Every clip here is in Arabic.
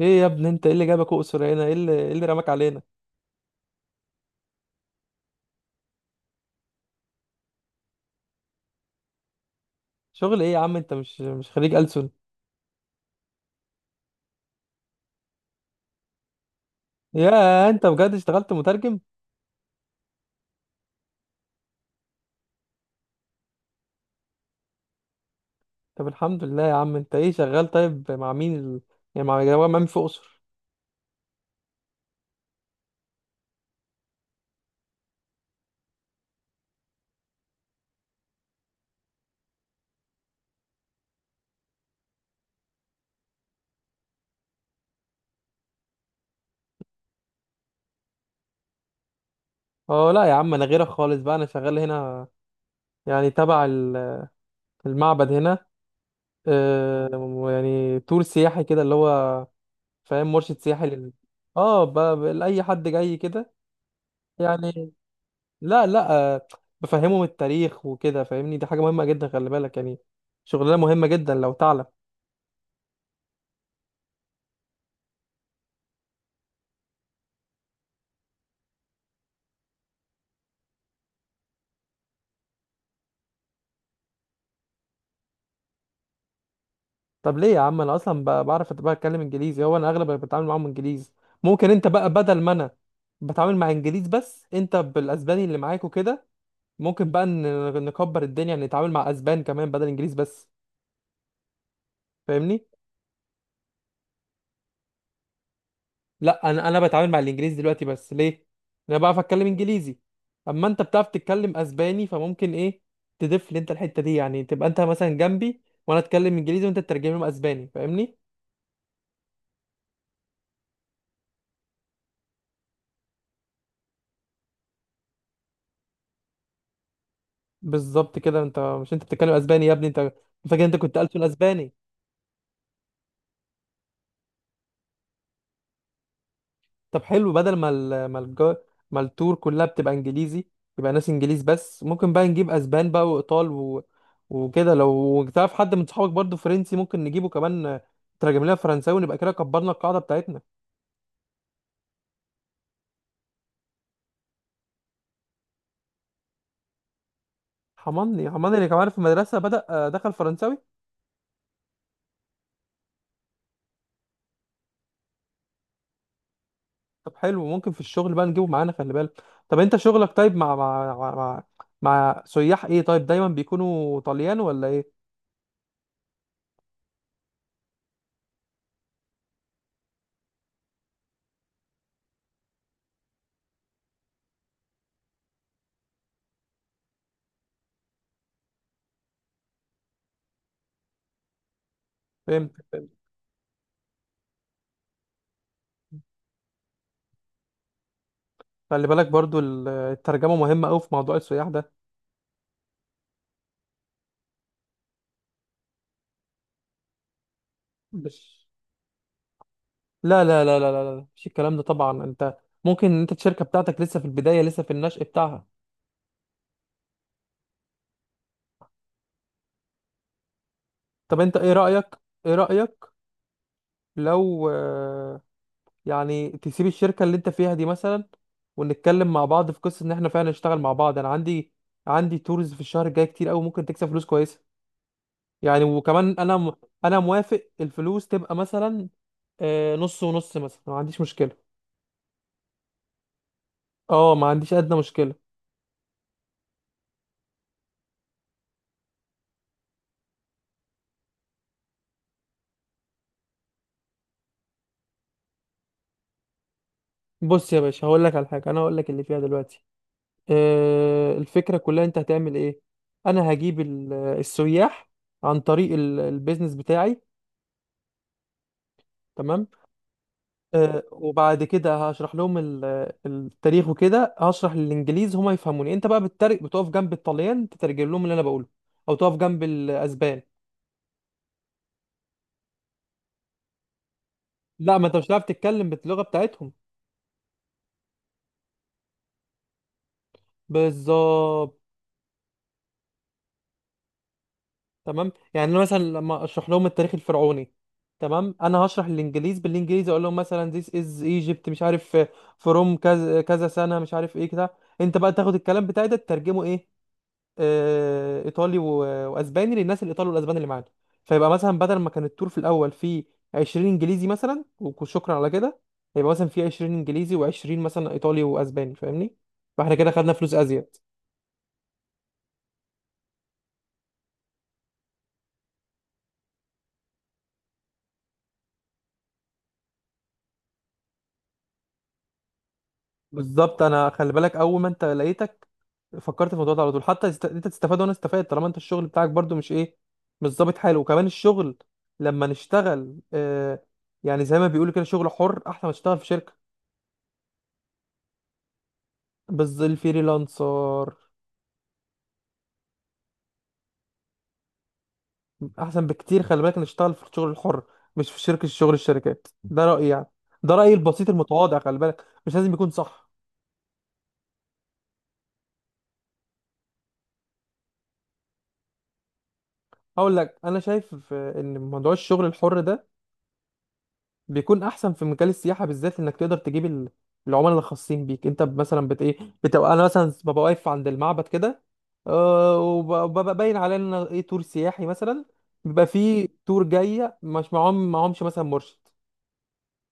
ايه يا ابني، انت ايه اللي جابك اقصر هنا؟ ايه اللي رماك علينا؟ شغل ايه يا عم؟ انت مش خريج ألسن؟ يا انت بجد اشتغلت مترجم؟ طب الحمد لله يا عم. انت ايه شغال؟ طيب مع مين يعني مع جماعة مين في اقصر؟ اه لا يا عم، انا غيرك خالص بقى. انا شغال هنا يعني تبع المعبد هنا. اه، يعني تور سياحي كده اللي هو فاهم، مرشد سياحي اه، لاي حد جاي كده يعني. لا لا، بفهمهم التاريخ وكده فاهمني، دي حاجة مهمة جدا، خلي بالك يعني. شغلانة مهمة جدا لو تعلم. طب ليه يا عم؟ انا اصلا بعرف بتكلم انجليزي، هو انا اغلب اللي بتعامل معاهم انجليزي. ممكن انت بقى بدل ما انا بتعامل مع انجليز بس، انت بالاسباني اللي معاك وكده، ممكن بقى نكبر الدنيا، نتعامل مع اسبان كمان بدل انجليز بس، فاهمني؟ لا، انا بتعامل مع الانجليزي دلوقتي بس، ليه؟ انا بعرف اتكلم انجليزي. اما انت بتعرف تتكلم اسباني، فممكن ايه تضيف لي انت الحته دي. يعني تبقى انت مثلا جنبي وانا اتكلم انجليزي وانت تترجم لهم اسباني، فاهمني؟ بالظبط كده. انت مش انت بتتكلم اسباني يا ابني، انت فاكر انت كنت ألسن اسباني. طب حلو، بدل ما ما ما التور كلها بتبقى انجليزي، يبقى ناس انجليز بس، ممكن بقى نجيب اسبان بقى، وايطال وكده. لو تعرف حد من صحابك برضو فرنسي ممكن نجيبه كمان، ترجم لنا فرنساوي ونبقى كده كبرنا القاعده بتاعتنا. حماني اللي كمان في المدرسه بدأ، دخل فرنساوي. طب حلو، ممكن في الشغل بقى نجيبه معانا، خلي بالك. طب انت شغلك طيب، مع سياح ايه طيب؟ دايما بيكونوا طليان ولا ايه؟ فهمت. خلي بالك برضو الترجمه مهمه قوي في موضوع السياح ده. مش، لا مش الكلام ده طبعا. انت ممكن انت الشركه بتاعتك لسه في البدايه، لسه في النشء بتاعها. طب انت ايه رايك؟ ايه رايك لو يعني تسيب الشركه اللي انت فيها دي مثلا، ونتكلم مع بعض في قصه ان احنا فعلا نشتغل مع بعض؟ انا عندي عندي تورز في الشهر الجاي كتير قوي، ممكن تكسب فلوس كويسه يعني. وكمان انا انا موافق الفلوس تبقى مثلا نص ونص مثلا، ما عنديش مشكله. اه، ما عنديش ادنى مشكله. بص يا باشا، هقول لك على حاجه، انا هقول لك اللي فيها دلوقتي. الفكرة كلها انت هتعمل ايه. انا هجيب السياح عن طريق البيزنس بتاعي، تمام؟ وبعد كده هشرح لهم التاريخ وكده، هشرح للانجليز هما يفهموني، انت بقى بتترج بتقف جنب الطليان تترجم لهم اللي انا بقوله، او تقف جنب الاسبان. لا، ما انت مش هتعرف تتكلم باللغة بتاعتهم. بالظبط. تمام، يعني انا مثلا لما اشرح لهم التاريخ الفرعوني، تمام، انا هشرح الانجليز بالانجليزي، اقول لهم مثلا this is Egypt مش عارف from كذا كذا سنه مش عارف ايه كده. انت بقى تاخد الكلام بتاعي ده تترجمه ايه، ايطالي واسباني للناس الايطالي والاسباني اللي معانا. فيبقى مثلا بدل ما كان التور في الاول فيه 20 انجليزي مثلا وشكرا على كده، هيبقى مثلا فيه 20 انجليزي و20 مثلا ايطالي واسباني، فاهمني؟ فاحنا كده خدنا فلوس ازيد. بالظبط. انا خلي بالك، اول ما انت لقيتك فكرت في الموضوع ده على طول. حتى انت تستفاد وانا استفاد، طالما انت الشغل بتاعك برضو مش ايه، مش ظابط حاله. وكمان الشغل لما نشتغل، آه، يعني زي ما بيقولوا كده شغل حر احسن ما نشتغل في شركه. بس الفريلانسر احسن بكتير، خلي بالك. نشتغل في الشغل الحر مش في شركه، شغل الشركات ده رايي يعني، ده رايي البسيط المتواضع، خلي بالك مش لازم يكون صح. هقول لك انا شايف ان موضوع الشغل الحر ده بيكون احسن في مجال السياحه بالذات، انك تقدر تجيب العملاء اللي خاصين بيك انت. مثلا بت ايه، بتبقى انا مثلا ببقى واقف عند المعبد كده، وببقى باين عليا ان أنا ايه تور سياحي مثلا. بيبقى فيه تور جايه مش معاهم معاهمش مثلا مرشد،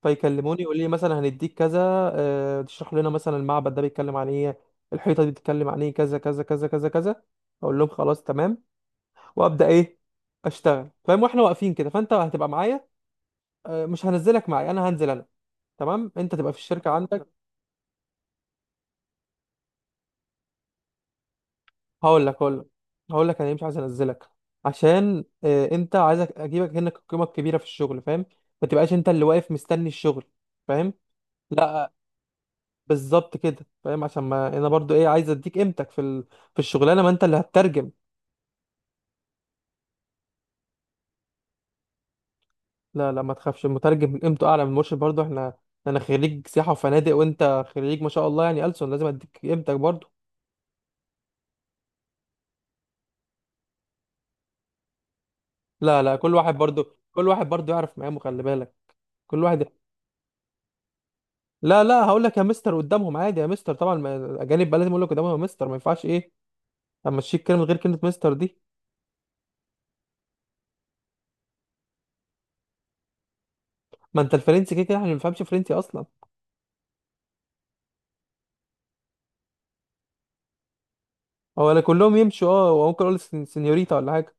فيكلموني يقول لي مثلا هنديك كذا. تشرح لنا مثلا المعبد ده بيتكلم عن ايه، الحيطه دي بتتكلم عن ايه، كذا كذا كذا كذا كذا. اقول لهم خلاص تمام، وابدا ايه اشتغل، فاهم؟ واحنا واقفين كده فانت هتبقى معايا، مش هنزلك معايا، انا هنزل انا، تمام؟ انت تبقى في الشركه عندك. هقول لك هقول لك هقول لك انا ليه مش عايز انزلك. عشان اه، انت عايزك اجيبك هنا القيمه الكبيره في الشغل، فاهم؟ ما تبقاش انت اللي واقف مستني الشغل، فاهم؟ لا، بالظبط كده، فاهم؟ عشان ما انا برضو ايه، عايز اديك قيمتك في في الشغلانه، ما انت اللي هتترجم. لا لا، ما تخافش، المترجم قيمته اعلى من المرشد برضو. احنا، انا خريج سياحه وفنادق وانت خريج ما شاء الله يعني ألسن، لازم اديك قيمتك برضو. لا لا، كل واحد برضو، يعرف مقامه، خلي بالك. كل واحد. لا لا، هقول لك يا مستر قدامهم عادي، يا مستر طبعا، الاجانب بقى لازم اقول لك قدامهم يا مستر، ما ينفعش ايه امشيك كلمه غير كلمه مستر دي. ما انت الفرنسي كده كده احنا ما بنفهمش فرنسي اصلا. هو لا كلهم يمشوا اه، وممكن اقول سنيوريتا ولا حاجه.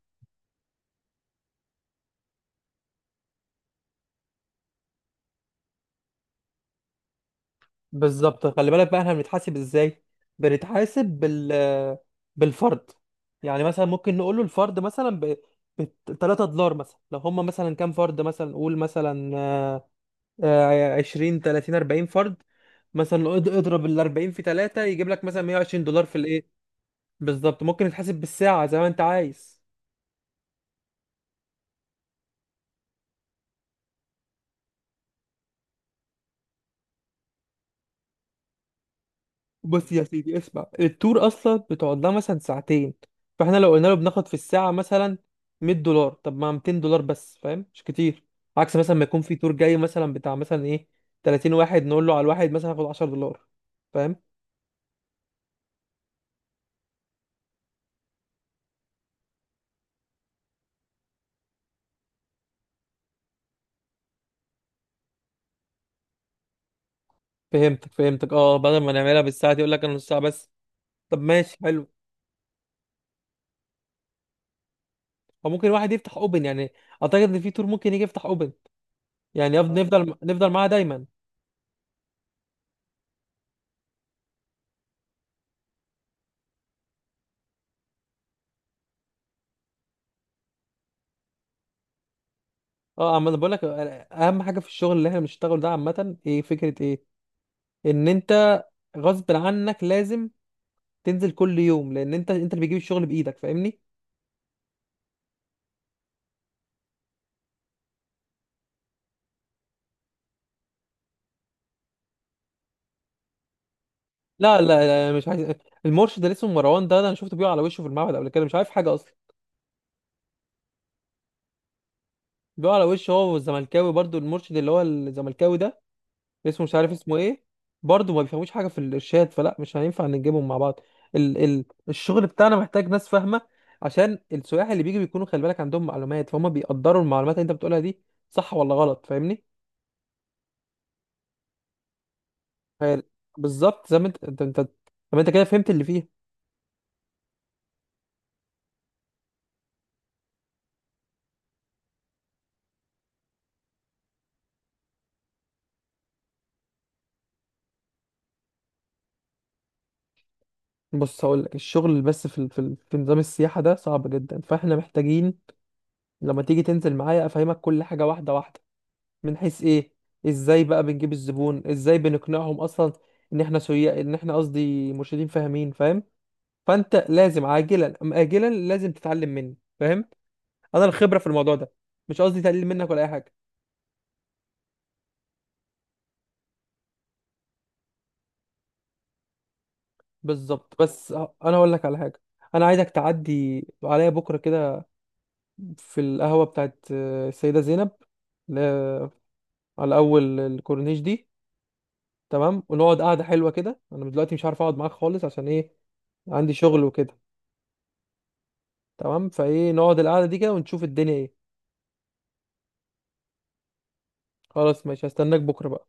بالظبط. خلي بالك بقى احنا بنتحاسب ازاي؟ بنتحاسب بالفرد. يعني مثلا ممكن نقول له الفرد مثلا ب 3$ مثلا، لو هم مثلا كام فرد، مثلا قول مثلا 20 30 40 فرد مثلا، لو اضرب ال 40 في 3 يجيب لك مثلا 120$ في الايه. بالظبط. ممكن يتحسب بالساعه زي ما انت عايز. بص يا سيدي، اسمع، التور اصلا بتقعد لها مثلا ساعتين، فاحنا لو قلنا له بناخد في الساعه مثلا 100$، طب ما 200$ بس فاهم، مش كتير. عكس مثلا ما يكون في تور جاي مثلا بتاع مثلا ايه 30 واحد، نقول له على الواحد مثلا هاخد 10$، فاهم؟ فهمتك اه، بدل ما نعملها بالساعه دي يقول لك انا نص ساعه بس. طب ماشي، حلو. او ممكن واحد يفتح اوبن يعني، اعتقد ان في تور ممكن يجي يفتح اوبن، يعني يفضل نفضل معاه دايما. اه، اما انا بقول لك، اهم حاجه في الشغل اللي احنا بنشتغله ده عامه ايه فكره ايه ان انت غصب عنك لازم تنزل كل يوم، لان انت اللي بتجيب الشغل بايدك، فاهمني؟ لا لا لا، مش عايز. المرشد اللي اسمه مروان ده، ده انا شفته بيقع على وشه في المعبد قبل كده، مش عارف حاجه اصلا. بيقع على وشه هو والزملكاوي برضو، المرشد اللي هو الزملكاوي ده اسمه مش عارف اسمه ايه، برضه ما بيفهموش حاجه في الارشاد، فلا مش هينفع نجيبهم مع بعض. ال ال الشغل بتاعنا محتاج ناس فاهمه، عشان السياح اللي بيجي بيكونوا خلي بالك عندهم معلومات، فهم بيقدروا المعلومات اللي انت بتقولها دي صح ولا غلط، فاهمني؟ فال- بالظبط زي ما انت طب انت كده فهمت اللي فيه. بص هقول لك، الشغل بس في في في نظام السياحه ده صعب جدا، فاحنا محتاجين لما تيجي تنزل معايا افهمك كل حاجه واحده واحده، من حيث ايه، ازاي بقى بنجيب الزبون، ازاي بنقنعهم اصلا ان احنا سويا، ان احنا قصدي مرشدين فاهمين، فاهم؟ فانت لازم عاجلا ام اجلا لازم تتعلم مني، فاهم؟ انا الخبره في الموضوع ده، مش قصدي تقليل منك ولا اي حاجه. بالظبط، بس انا هقول لك على حاجه، انا عايزك تعدي عليا بكره كده في القهوه بتاعت السيده زينب، ل- على اول الكورنيش دي، تمام؟ ونقعد قعده حلوه كده. انا دلوقتي مش عارف اقعد معاك خالص عشان ايه، عندي شغل وكده. تمام، فايه نقعد القعده دي كده ونشوف الدنيا ايه. خلاص ماشي، هستناك بكره بقى.